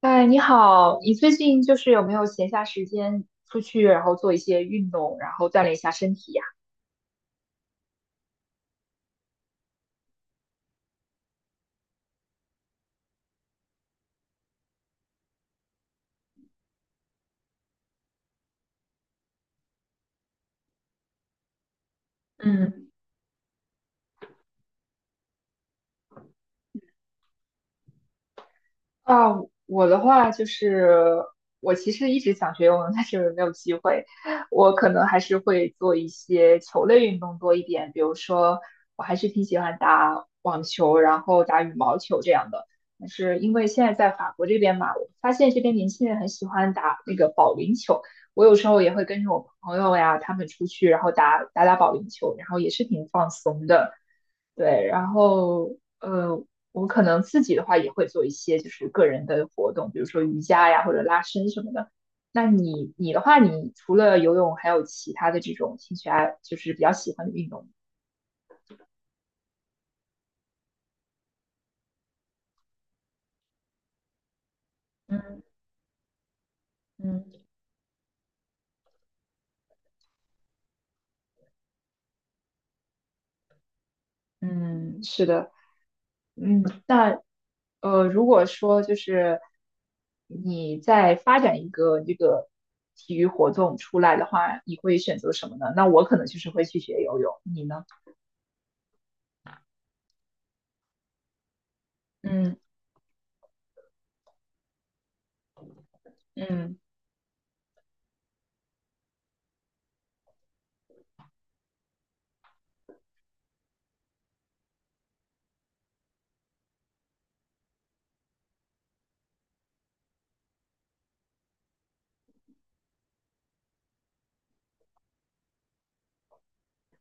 哎，你好，你最近就是有没有闲暇时间出去，然后做一些运动，然后锻炼一下身体呀？嗯。啊，我的话就是，我其实一直想学游泳，但是没有机会。我可能还是会做一些球类运动多一点，比如说，我还是挺喜欢打网球，然后打羽毛球这样的。但是因为现在在法国这边嘛，我发现这边年轻人很喜欢打那个保龄球。我有时候也会跟着我朋友呀，他们出去，然后打打保龄球，然后也是挺放松的。对，然后我可能自己的话也会做一些就是个人的活动，比如说瑜伽呀或者拉伸什么的。那你的话，你除了游泳，还有其他的这种兴趣爱，就是比较喜欢的运动吗？嗯嗯嗯，是的，嗯。如果说就是你在发展一个这个体育活动出来的话，你会选择什么呢？那我可能就是会去学游泳，你呢？嗯嗯，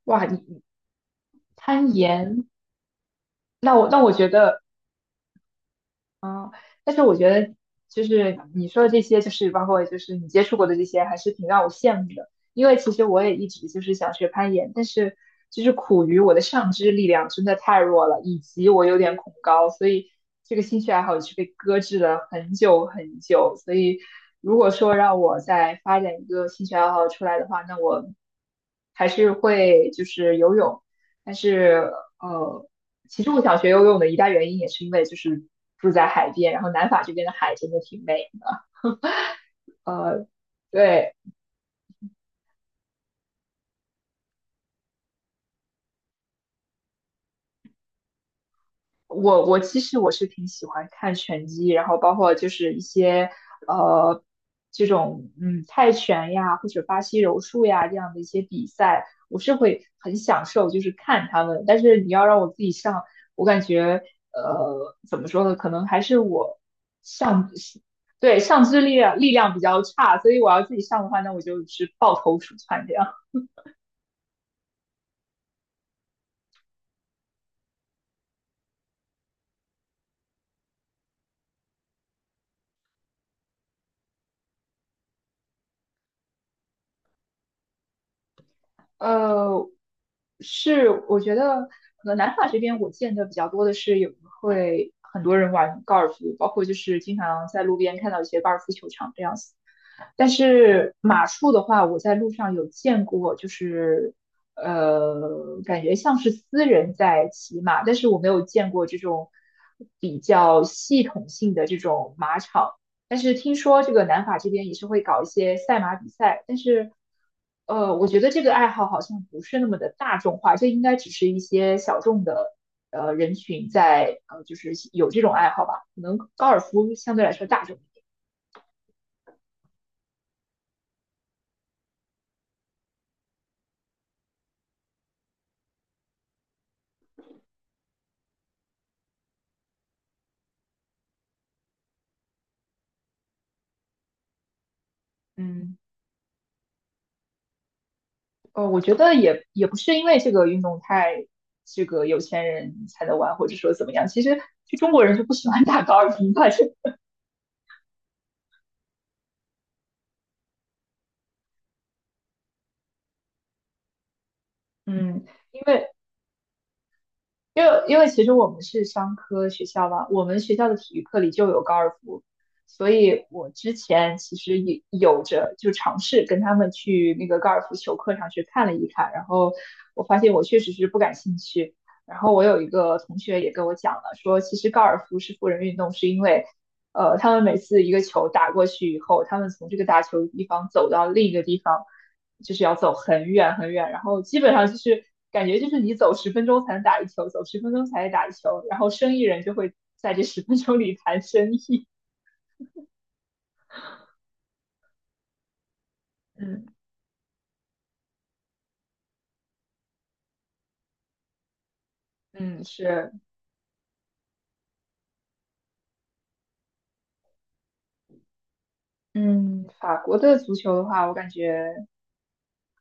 哇，你攀岩！那我觉得，嗯，但是我觉得就是你说的这些，就是包括就是你接触过的这些，还是挺让我羡慕的。因为其实我也一直就是想学攀岩，但是就是苦于我的上肢力量真的太弱了，以及我有点恐高，所以这个兴趣爱好也是被搁置了很久很久。所以如果说让我再发展一个兴趣爱好出来的话，那我还是会就是游泳，但是呃。其实我想学游泳的一大原因也是因为就是住在海边，然后南法这边的海真的挺美的。对，我其实我是挺喜欢看拳击，然后包括就是一些呃这种泰拳呀或者巴西柔术呀这样的一些比赛，我是会很享受就是看他们。但是你要让我自己上，我感觉怎么说呢，可能还是我上对上肢力量比较差，所以我要自己上的话，那我就是抱头鼠窜这样。呃，是，我觉得可能南法这边我见的比较多的是有会很多人玩高尔夫，包括就是经常在路边看到一些高尔夫球场这样子。但是马术的话，我在路上有见过，就是感觉像是私人在骑马，但是我没有见过这种比较系统性的这种马场。但是听说这个南法这边也是会搞一些赛马比赛，但是我觉得这个爱好好像不是那么的大众化，这应该只是一些小众的人群在就是有这种爱好吧。可能高尔夫相对来说大众一点。嗯。我觉得也不是因为这个运动太这个有钱人才能玩，或者说怎么样。其实就中国人就不喜欢打高尔夫吧，就 嗯，因为因为其实我们是商科学校嘛，我们学校的体育课里就有高尔夫，所以我之前其实也有着就尝试跟他们去那个高尔夫球课上去看了一看，然后我发现我确实是不感兴趣。然后我有一个同学也跟我讲了，说其实高尔夫是富人运动，是因为他们每次一个球打过去以后，他们从这个打球的地方走到另一个地方，就是要走很远很远，然后基本上就是感觉就是你走十分钟才能打一球，走十分钟才能打一球，然后生意人就会在这十分钟里谈生意。嗯嗯，是，嗯，法国的足球的话，我感觉。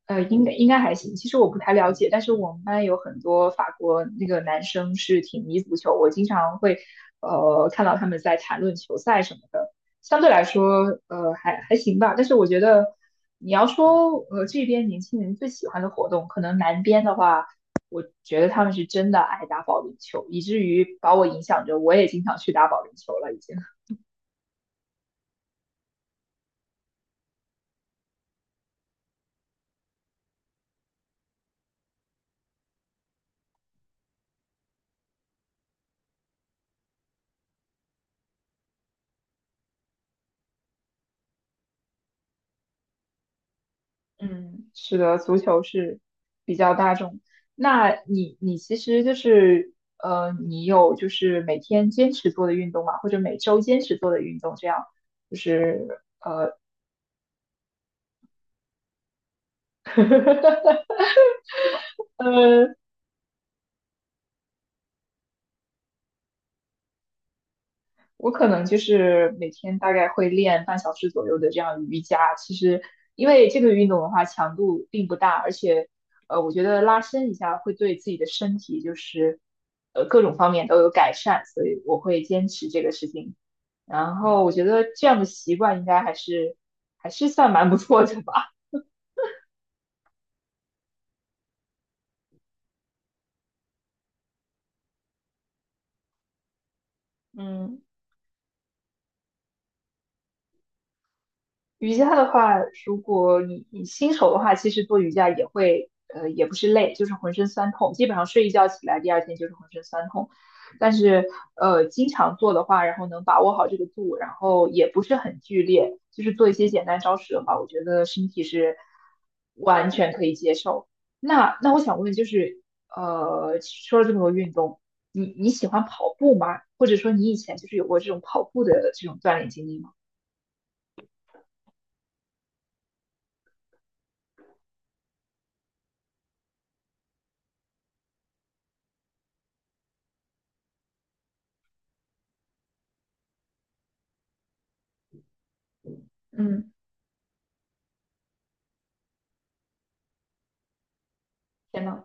应该还行。其实我不太了解，但是我们班有很多法国那个男生是挺迷足球，我经常会看到他们在谈论球赛什么的。相对来说，还行吧。但是我觉得你要说这边年轻人最喜欢的活动，可能南边的话，我觉得他们是真的爱打保龄球，以至于把我影响着，我也经常去打保龄球了已经。嗯，是的，足球是比较大众。那你其实就是你有就是每天坚持做的运动嘛，或者每周坚持做的运动，这样就是我可能就是每天大概会练半小时左右的这样瑜伽。其实，因为这个运动的话强度并不大，而且，我觉得拉伸一下会对自己的身体就是，各种方面都有改善，所以我会坚持这个事情。然后我觉得这样的习惯应该还是算蛮不错的吧。嗯瑜伽的话，如果你新手的话，其实做瑜伽也会，也不是累，就是浑身酸痛，基本上睡一觉起来，第二天就是浑身酸痛。但是，经常做的话，然后能把握好这个度，然后也不是很剧烈，就是做一些简单招式的话，我觉得身体是完全可以接受。那我想问，就是，说了这么多运动，你喜欢跑步吗？或者说你以前就是有过这种跑步的这种锻炼经历吗？嗯。天呐！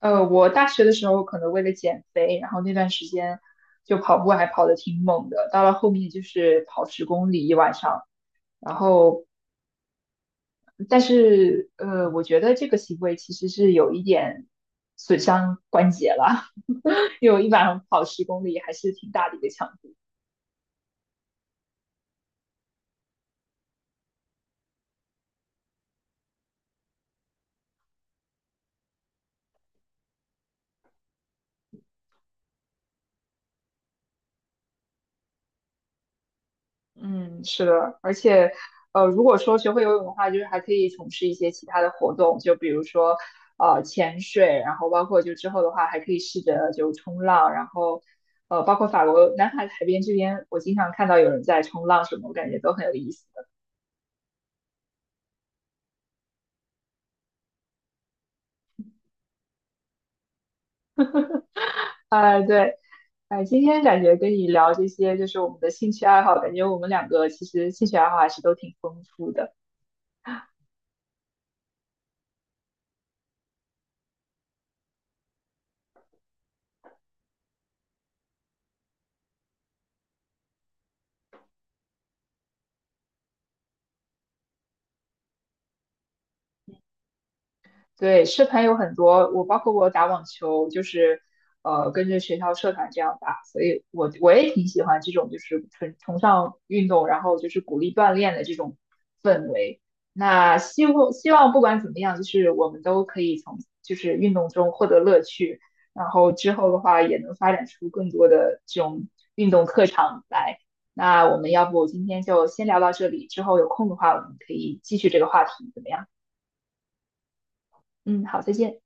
我大学的时候可能为了减肥，然后那段时间就跑步还跑得挺猛的，到了后面就是跑十公里一晚上。然后，但是我觉得这个行为其实是有一点损伤关节了，因为我一晚上跑10公里还是挺大的一个强嗯，是的，而且，如果说学会游泳的话，就是还可以从事一些其他的活动，就比如说，潜水，然后包括就之后的话，还可以试着就冲浪，然后，包括法国南海海边这边，我经常看到有人在冲浪什么，我感觉都很有意思的。啊，对，哎、今天感觉跟你聊这些，就是我们的兴趣爱好，感觉我们两个其实兴趣爱好还是都挺丰富的。对，社团有很多，我包括我打网球，就是跟着学校社团这样打，所以我也挺喜欢这种就是崇尚运动，然后就是鼓励锻炼的这种氛围。那希望不管怎么样，就是我们都可以从就是运动中获得乐趣，然后之后的话也能发展出更多的这种运动特长来。那我们要不今天就先聊到这里，之后有空的话我们可以继续这个话题，怎么样？嗯，好，再见。